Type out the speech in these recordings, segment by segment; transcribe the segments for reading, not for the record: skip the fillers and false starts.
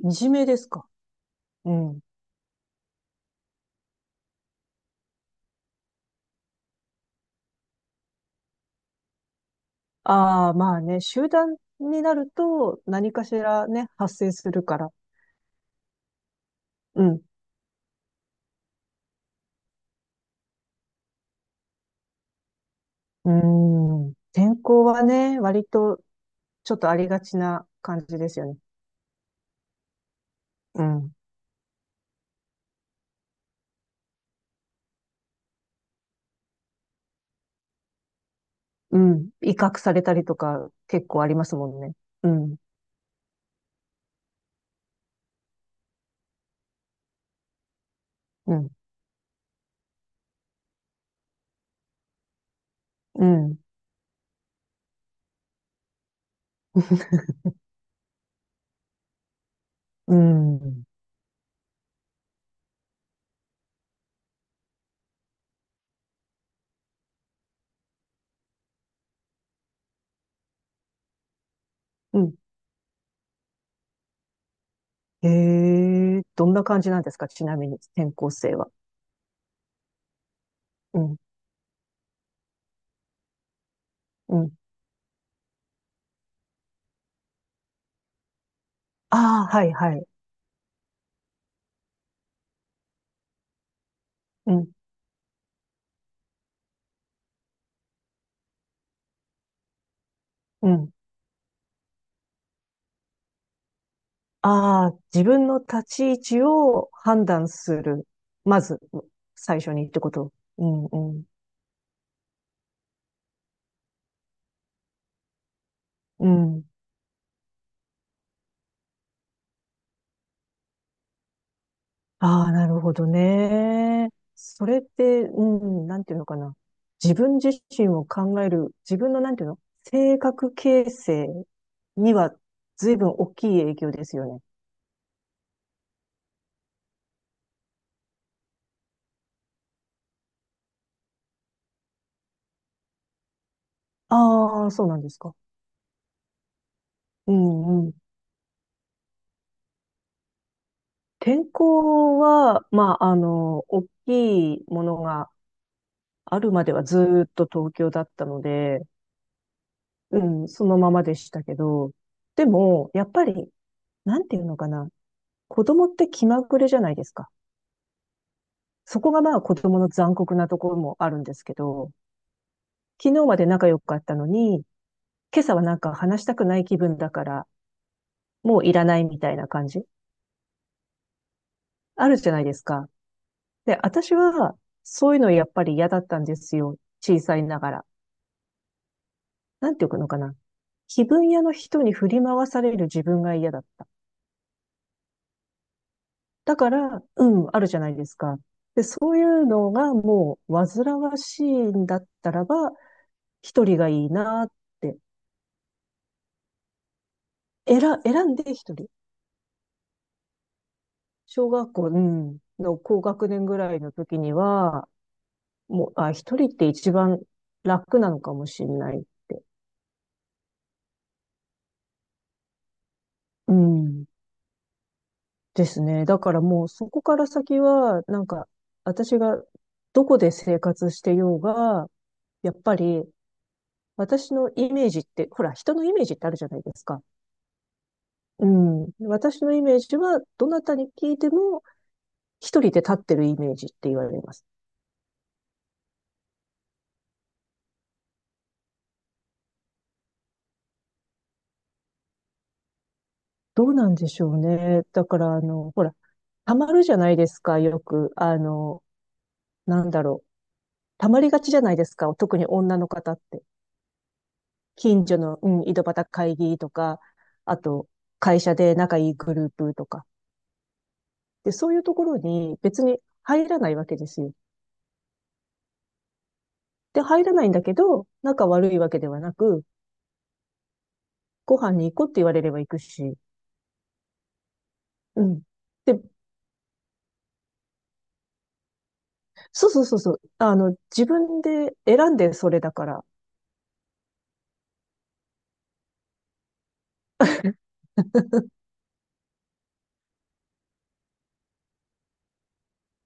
いじめですか。うん。ああ、まあね、集団になると何かしらね、発生するから。うん。うーん。転校はね、割とちょっとありがちな感じですよね。うん。うん。威嚇されたりとか結構ありますもんね。うん。うん。うん。うん。うん。へえ、どんな感じなんですかちなみに、転校生は。うん。うん。ああ、はい、はい。うん。うん。ああ、自分の立ち位置を判断する。まず、最初にってこと。うん、うん、うん。ああ、なるほどね。それって、なんていうのかな。自分自身を考える、自分のなんていうの性格形成には随分大きい影響ですよね。ああ、そうなんですか。うんうん。天候は、まあ、大きいものがあるまではずーっと東京だったので、うん、そのままでしたけど、でも、やっぱり、なんていうのかな、子供って気まぐれじゃないですか。そこがまあ子供の残酷なところもあるんですけど、昨日まで仲良かったのに、今朝はなんか話したくない気分だから、もういらないみたいな感じあるじゃないですか。で、私は、そういうのやっぱり嫌だったんですよ。小さいながら。なんていうのかな。気分屋の人に振り回される自分が嫌だった。だから、うん、あるじゃないですか。で、そういうのがもう煩わしいんだったらば、一人がいいなって。選、選んで一人。小学校、うんの高学年ぐらいの時には、もう、あ、一人って一番楽なのかもしれないって。うん。ですね。だからもうそこから先は、なんか、私がどこで生活してようが、やっぱり私のイメージって、ほら、人のイメージってあるじゃないですか。うん。私のイメージは、どなたに聞いても、一人で立ってるイメージって言われます。どうなんでしょうね。だから、ほら、溜まるじゃないですか、よく。なんだろう。溜まりがちじゃないですか、特に女の方って。近所の、うん、井戸端会議とか、あと、会社で仲いいグループとか。で、そういうところに別に入らないわけですよ。で、入らないんだけど、仲悪いわけではなく、ご飯に行こうって言われれば行くし、うん。で、そうそうそうそう。あの、自分で選んでそれだから。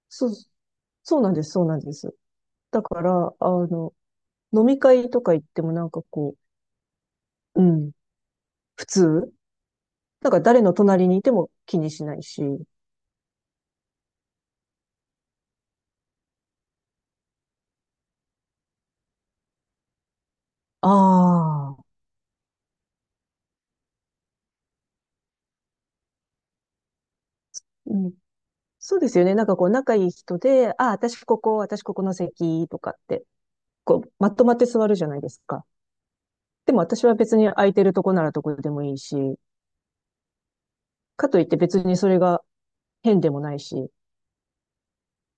そう、そうなんです、そうなんです。だから、あの、飲み会とか行ってもなんかこう、うん、普通なんか誰の隣にいても気にしないし。ああ、うん。そうですよね。なんかこう、仲いい人で、ああ、私ここ、私ここの席とかって、こう、まとまって座るじゃないですか。でも私は別に空いてるとこならどこでもいいし、かといって別にそれが変でもないし、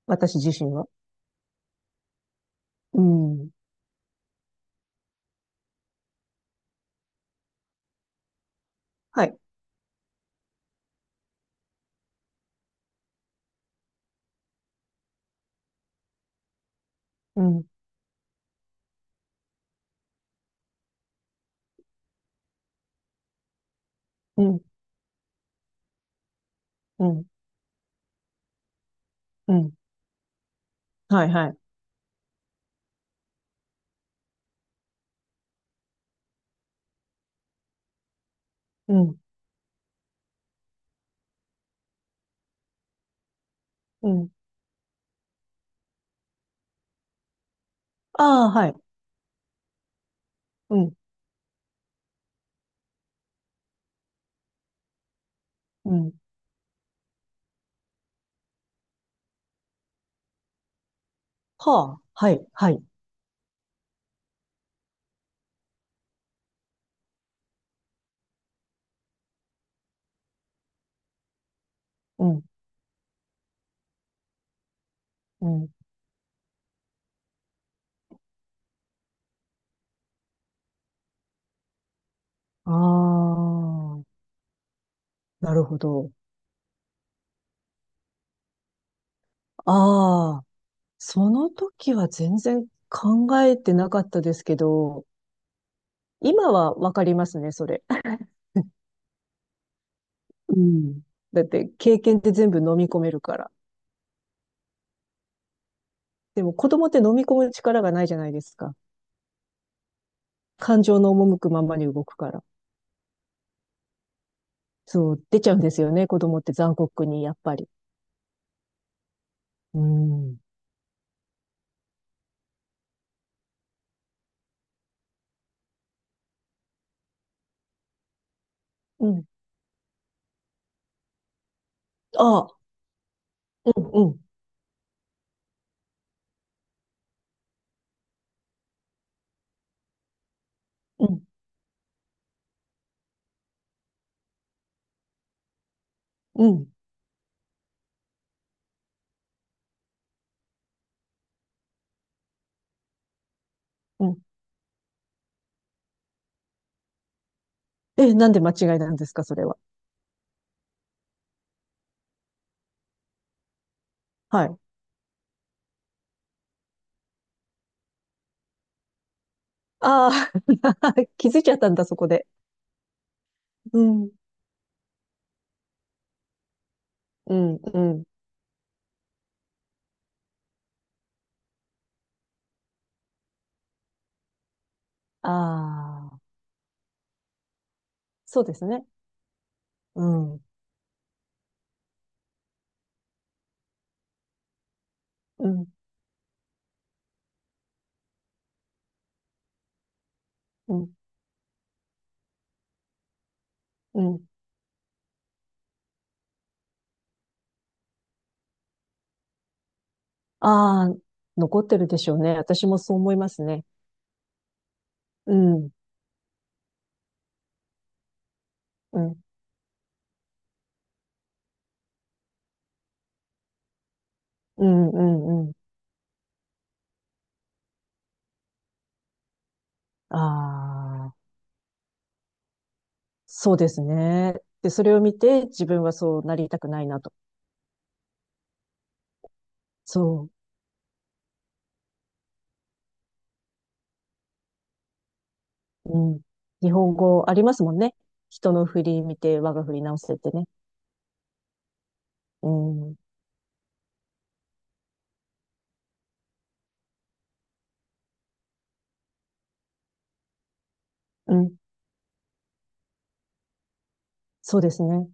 私自身は。うん。はい。うん、うん、うん、うん。はい、はい。うん、うん。ああ、はい。うん、うん。はあ、はい、はい。うん、うん。ああ、なるほど。ああ、その時は全然考えてなかったですけど、今はわかりますね、それ。うん。だって、経験って全部飲み込めるから。でも、子供って飲み込む力がないじゃないですか。感情の赴くままに動くから。そう、出ちゃうんですよね、子供って残酷に、やっぱり。うん。うん。ああ、うん、うん、うん、うん、うん。え、なんで間違いなんですか、それは。はい。ああ、気づいちゃったんだ、そこで。うん、うん、うん。ああ、そうですね。うん、うん、うん、うん。ああ、残ってるでしょうね。私もそう思いますね。うん、うん、うん、うん、うん。ああ、そうですね。で、それを見て、自分はそうなりたくないなと。そう。うん。日本語ありますもんね。人の振り見て我が振り直せってね。うん。うん。そうですね。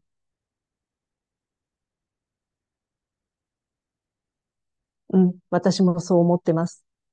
うん。私もそう思ってます。